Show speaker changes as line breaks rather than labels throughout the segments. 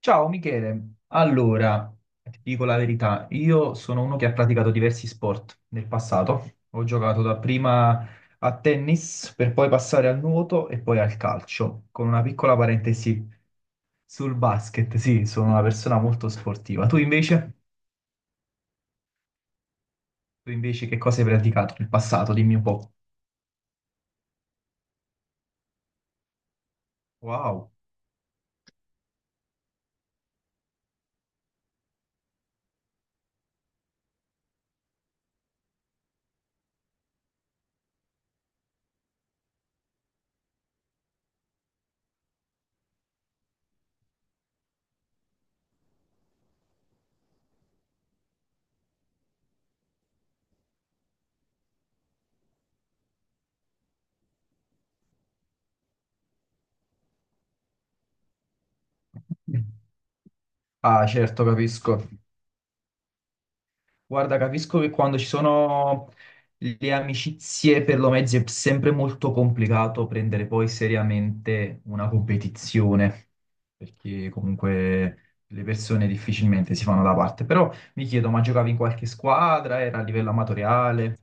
Ciao Michele, allora, ti dico la verità, io sono uno che ha praticato diversi sport nel passato, ho giocato dapprima a tennis per poi passare al nuoto e poi al calcio, con una piccola parentesi sul basket, sì, sono una persona molto sportiva. Tu invece? Tu invece che cosa hai praticato nel passato? Dimmi un po'. Wow. Ah, certo, capisco. Guarda, capisco che quando ci sono le amicizie per lo mezzo è sempre molto complicato prendere poi seriamente una competizione, perché comunque le persone difficilmente si fanno da parte. Però mi chiedo, ma giocavi in qualche squadra? Era a livello amatoriale?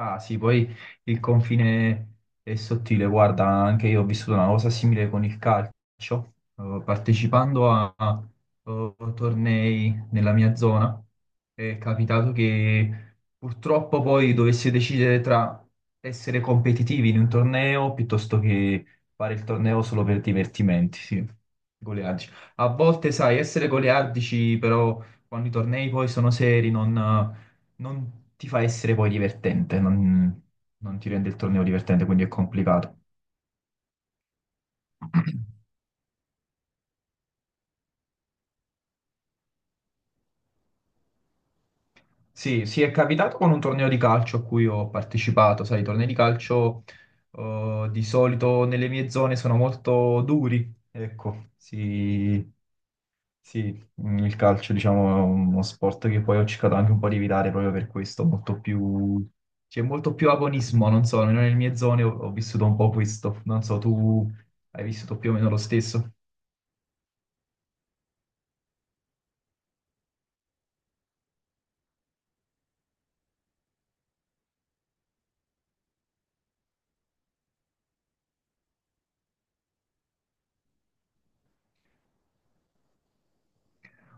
Ah sì, poi il confine è sottile, guarda, anche io ho vissuto una cosa simile con il calcio, partecipando tornei nella mia zona, è capitato che purtroppo poi dovessi decidere tra essere competitivi in un torneo piuttosto che fare il torneo solo per divertimenti, sì, goliardici. A volte, sai, essere goliardici, però quando i tornei poi sono seri, non ti fa essere poi divertente, non ti rende il torneo divertente, quindi è complicato. Sì, sì, è capitato con un torneo di calcio a cui ho partecipato, sai, i tornei di calcio di solito nelle mie zone sono molto duri, ecco, sì, sì, il calcio diciamo è uno sport che poi ho cercato anche un po' di evitare proprio per questo, C'è molto più agonismo, non so, almeno nelle mie zone ho vissuto un po' questo, non so, tu hai vissuto più o meno lo stesso?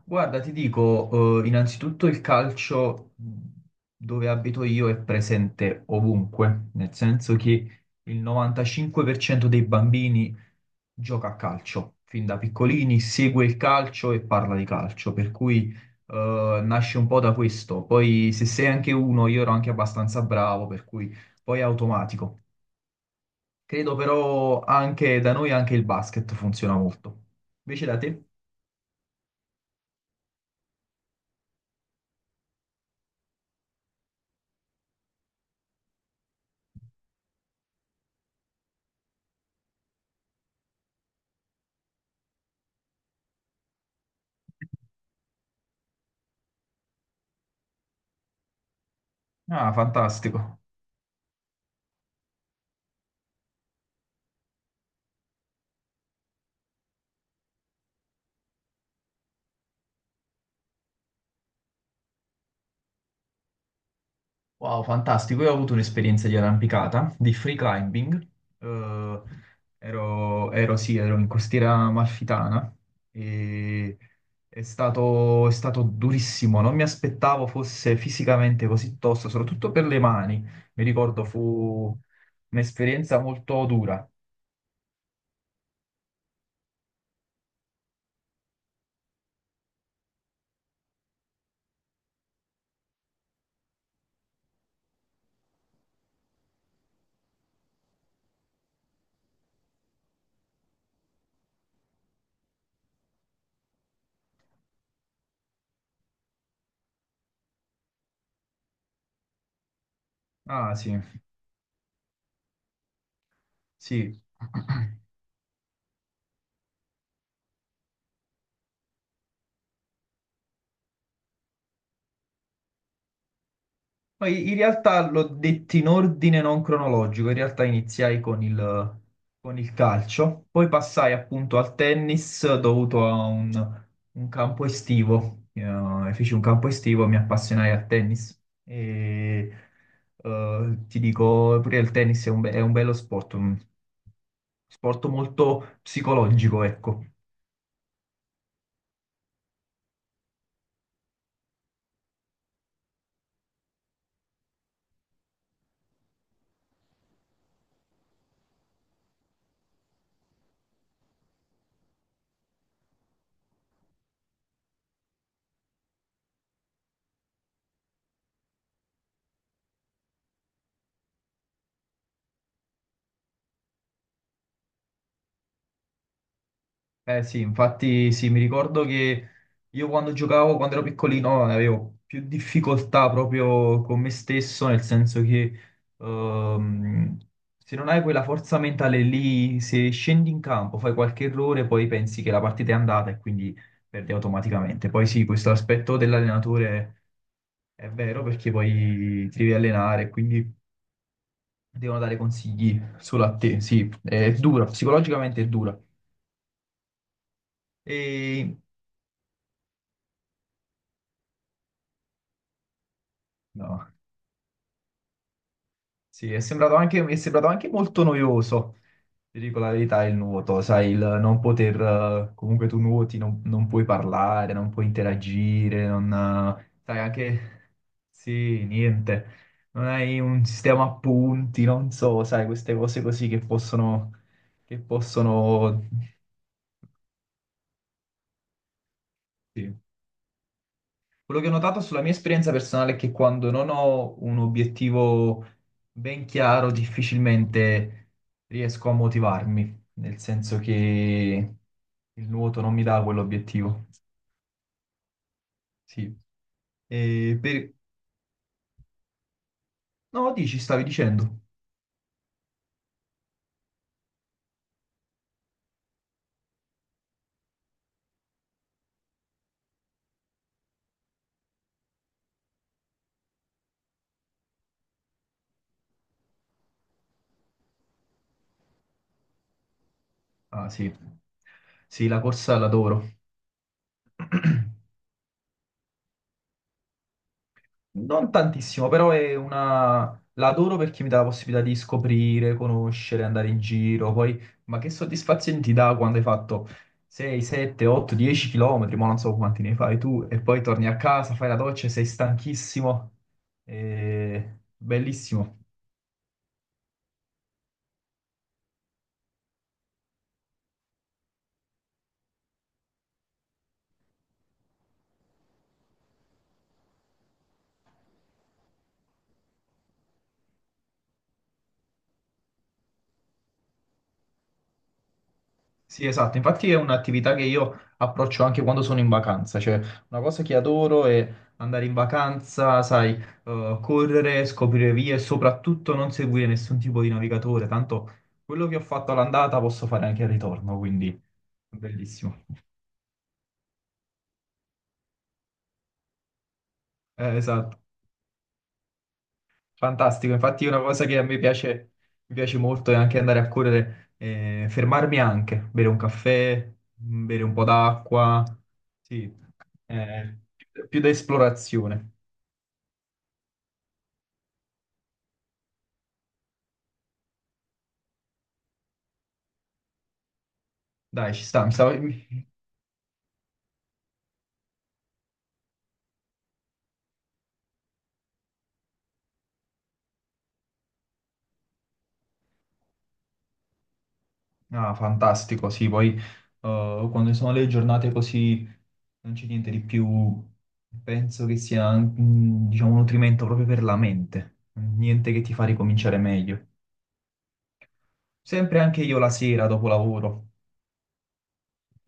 Guarda, ti dico, innanzitutto il calcio dove abito io è presente ovunque, nel senso che il 95% dei bambini gioca a calcio, fin da piccolini segue il calcio e parla di calcio, per cui nasce un po' da questo. Poi se sei anche uno, io ero anche abbastanza bravo, per cui poi è automatico. Credo però anche da noi anche il basket funziona molto. Invece da te? Ah, fantastico. Wow, fantastico. Io ho avuto un'esperienza di arrampicata, di free climbing. Eh, sì, ero in costiera amalfitana e è stato durissimo. Non mi aspettavo fosse fisicamente così tosto, soprattutto per le mani. Mi ricordo fu un'esperienza molto dura. Ah, sì, sì. Poi in realtà l'ho detto in ordine non cronologico, in realtà iniziai con il calcio, poi passai appunto al tennis dovuto a un campo estivo. Feci un campo estivo e mi appassionai al tennis e ti dico pure il tennis è un bello sport, un sport molto psicologico, ecco. Eh sì, infatti sì, mi ricordo che io quando giocavo, quando ero piccolino, avevo più difficoltà proprio con me stesso, nel senso che ehm, se non hai quella forza mentale lì, se scendi in campo, fai qualche errore, poi pensi che la partita è andata e quindi perdi automaticamente. Poi sì, questo aspetto dell'allenatore è vero perché poi ti devi allenare, quindi devono dare consigli solo a te. Sì, è dura, psicologicamente è dura. E... No. Sì, è sembrato anche, mi è sembrato anche molto noioso, ti dico la verità, il nuoto, sai, il non poter, comunque tu nuoti, non puoi parlare, non puoi interagire, non, sai, anche, sì, niente, non hai un sistema a punti, non so, sai, queste cose così che possono, sì. Quello che ho notato sulla mia esperienza personale è che quando non ho un obiettivo ben chiaro, difficilmente riesco a motivarmi, nel senso che il nuoto non mi dà quell'obiettivo. Sì. E per. No, dici, stavi dicendo. Ah, sì. Sì, la corsa l'adoro. Non tantissimo, però è una. L'adoro perché mi dà la possibilità di scoprire, conoscere, andare in giro. Poi, ma che soddisfazione ti dà quando hai fatto 6, 7, 8, 10 chilometri, ma non so quanti ne fai tu, e poi torni a casa, fai la doccia, e sei stanchissimo. Bellissimo. Sì, esatto, infatti è un'attività che io approccio anche quando sono in vacanza, cioè una cosa che adoro è andare in vacanza, sai, correre, scoprire vie e soprattutto non seguire nessun tipo di navigatore, tanto quello che ho fatto all'andata posso fare anche al ritorno, quindi bellissimo. Esatto. Fantastico, infatti è una cosa che a me piace, mi piace molto è anche andare a correre, fermarmi anche, bere un caffè, bere un po' d'acqua, sì, eh, più da esplorazione. Dai, ci sta, mi stava. Mi- Ah, fantastico, sì, poi quando sono le giornate così non c'è niente di più, penso che sia, diciamo, un nutrimento proprio per la mente, niente che ti fa ricominciare meglio. Sempre anche io la sera dopo lavoro.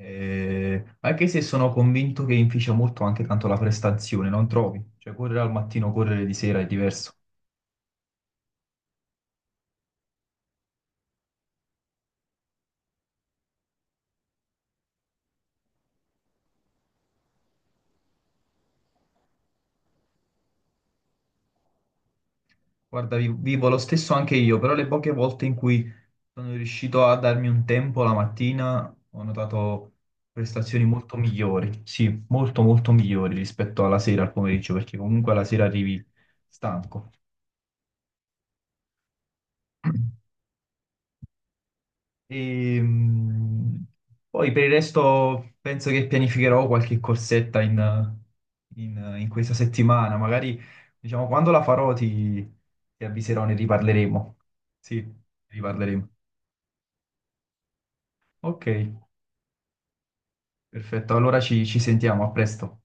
Anche se sono convinto che inficia molto anche tanto la prestazione, non trovi? Cioè, correre al mattino, correre di sera è diverso. Guarda, vivo lo stesso anche io, però le poche volte in cui sono riuscito a darmi un tempo la mattina, ho notato prestazioni molto migliori, sì, molto molto migliori rispetto alla sera, al pomeriggio, perché comunque alla sera arrivi stanco. E, poi per il resto penso che pianificherò qualche corsetta in, in questa settimana. Magari, diciamo, quando la farò ti avviserò, ne riparleremo. Sì, ne riparleremo. Ok, perfetto. Allora ci sentiamo, a presto.